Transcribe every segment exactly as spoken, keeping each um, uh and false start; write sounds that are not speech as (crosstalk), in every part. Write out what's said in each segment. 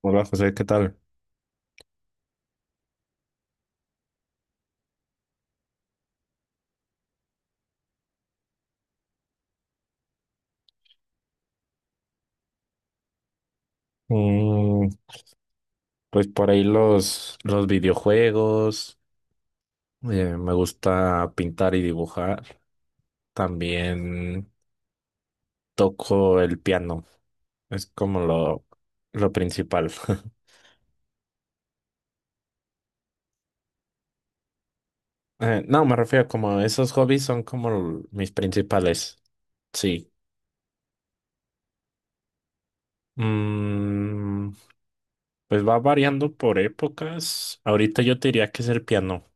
Hola José, ¿qué tal? Mm, pues por ahí los, los videojuegos, eh, me gusta pintar y dibujar, también toco el piano, es como lo, lo principal. (laughs) Eh, no, me refiero como esos hobbies son como l- mis principales, sí. Mm, pues va variando por épocas, ahorita yo te diría que es el piano,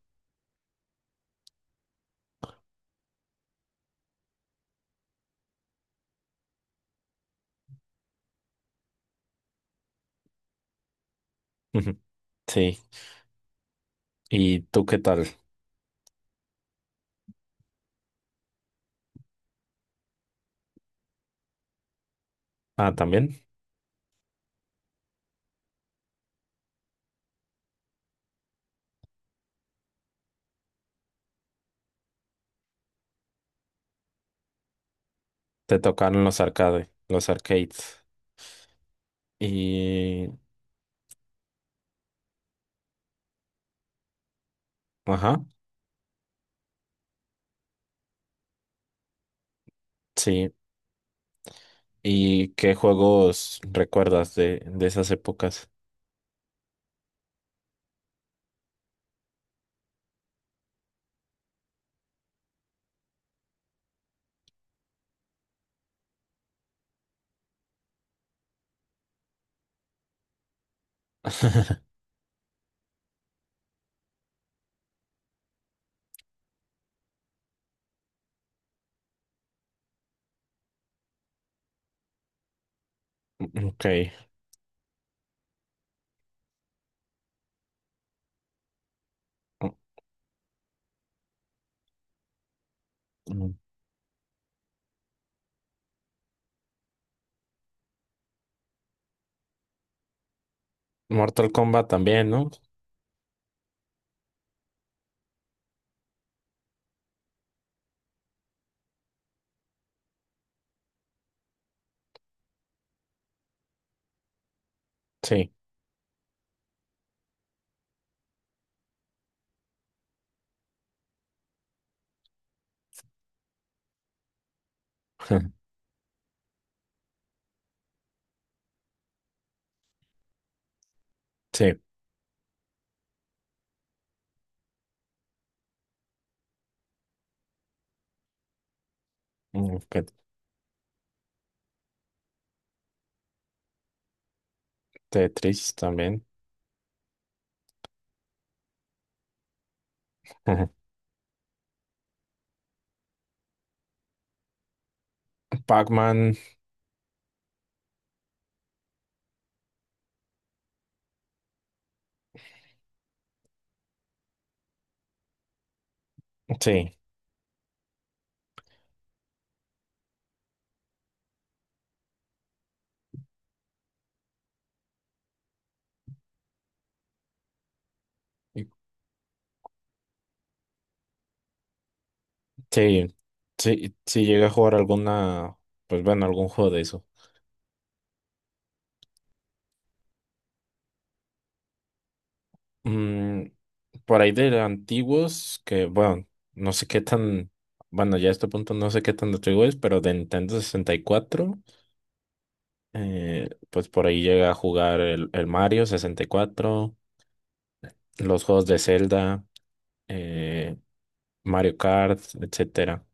(laughs) sí. ¿Y tú qué tal? Ah, también te tocan los arcades, los arcades. Y, ajá, sí. ¿Y qué juegos recuerdas de, de esas épocas? (laughs) Ok. Mm, Mortal Kombat también, ¿no? Sí, (laughs) sí. Mm, ok, Tetris también. (laughs) Pac-Man, sí. Sí, sí, sí llegué a jugar alguna, pues bueno, algún juego de eso. Mm, por ahí de antiguos, que bueno, no sé qué tan, bueno, ya a este punto no sé qué tan antiguo es, pero de Nintendo sesenta y cuatro. Eh, pues por ahí llegué a jugar el, el Mario sesenta y cuatro, los juegos de Zelda, eh, Mario Kart, etcétera.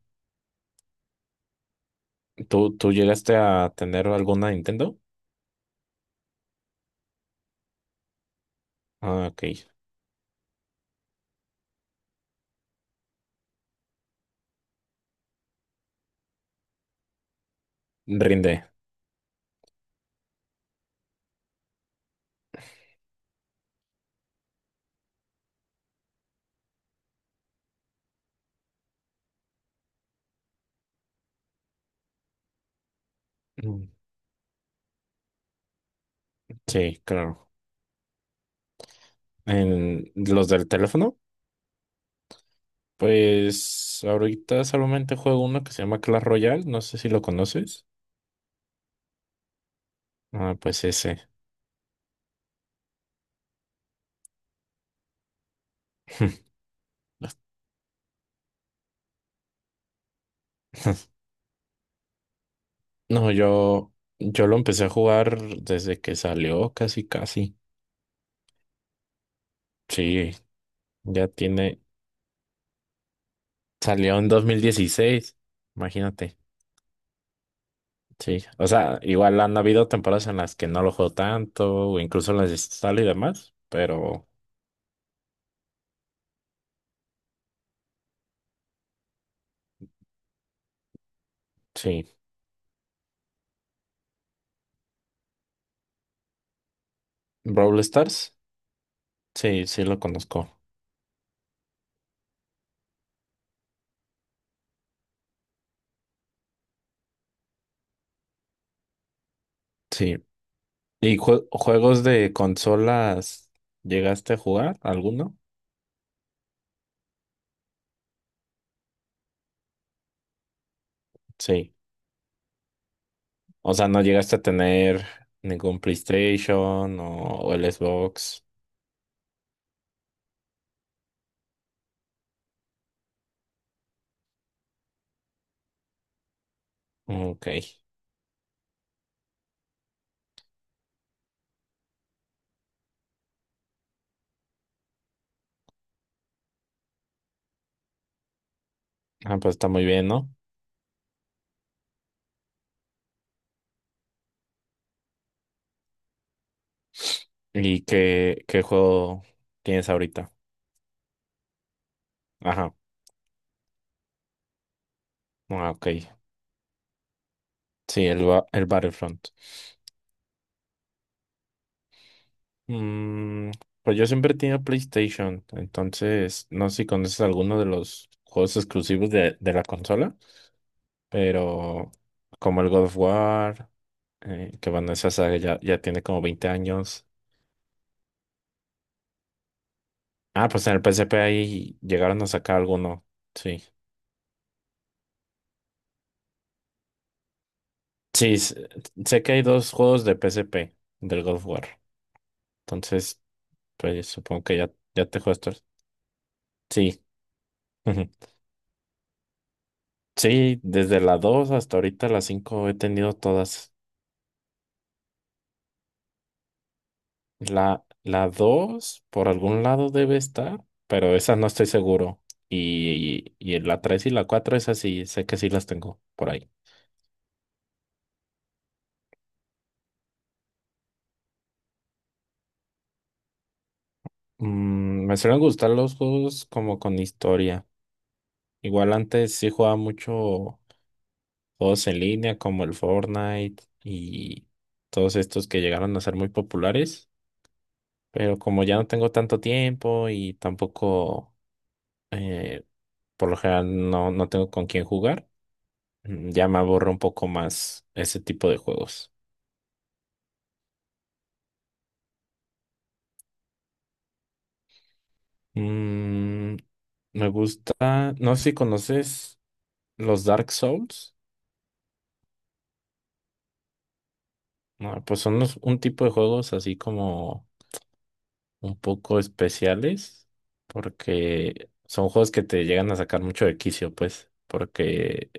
¿Tú, tú llegaste a tener alguna Nintendo? Ah, ok. Rinde. Mm. Sí, claro. En los del teléfono, pues ahorita solamente juego uno que se llama Clash Royale, no sé si lo conoces. Ah, pues ese. (laughs) No, yo, yo lo empecé a jugar desde que salió, casi, casi. Sí. Ya tiene, salió en dos mil dieciséis, imagínate. Sí, o sea, igual han habido temporadas en las que no lo juego tanto, o incluso las instalo y demás, pero sí. Brawl Stars, sí, sí lo conozco. Sí. ¿Y jue- juegos de consolas llegaste a jugar alguno? Sí. O sea, no llegaste a tener ningún PlayStation o, o el Xbox. Ok. Ah, pues está muy bien, ¿no? ¿Y qué, qué juego tienes ahorita? Ajá. Ah, ok. Sí, el, ba- el Battlefront. Mm, pues yo siempre he tenido PlayStation, entonces no sé si conoces alguno de los juegos exclusivos de, de la consola, pero como el God of War, eh, que bueno, esa saga ya, ya, tiene como veinte años. Ah, pues en el P S P ahí llegaron a sacar alguno, sí. Sí, s- sé que hay dos juegos de P S P del God of War, entonces pues supongo que ya, ya te juegas todos. Sí. (laughs) Sí, desde la dos hasta ahorita la cinco he tenido todas. La, la dos por algún lado debe estar, pero esa no estoy seguro. Y, y, en la tres y la cuatro esas sí, sé que sí las tengo por ahí. Mm, me suelen gustar los juegos como con historia. Igual antes sí jugaba mucho juegos en línea como el Fortnite y todos estos que llegaron a ser muy populares, pero como ya no tengo tanto tiempo y tampoco. eh, Por lo general no, no tengo con quién jugar. Mm, Ya me aborro un poco más ese tipo de juegos. Mm, me gusta, no sé si conoces los Dark Souls. No, pues son unos- un tipo de juegos así como un poco especiales porque son juegos que te llegan a sacar mucho de quicio, pues, porque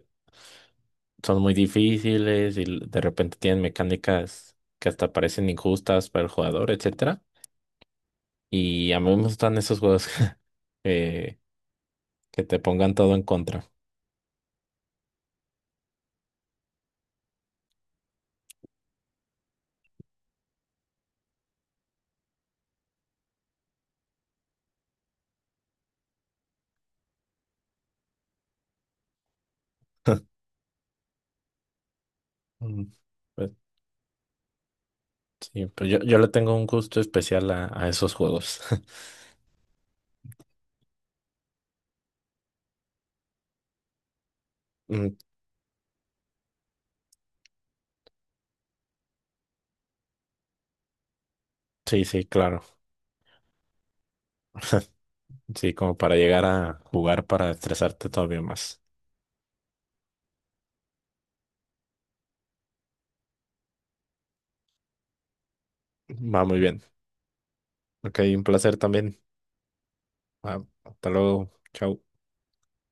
son muy difíciles y de repente tienen mecánicas que hasta parecen injustas para el jugador, etcétera. Y a mí me gustan esos juegos (laughs) eh, que te pongan todo en contra. (laughs) Mm. Pues, sí, pues yo, yo le tengo un gusto especial a, a esos juegos. (laughs) Mm, sí, sí, claro. Sí, como para llegar a jugar para estresarte todavía más. Va muy bien. Ok, un placer también. Ah, hasta luego. Chao.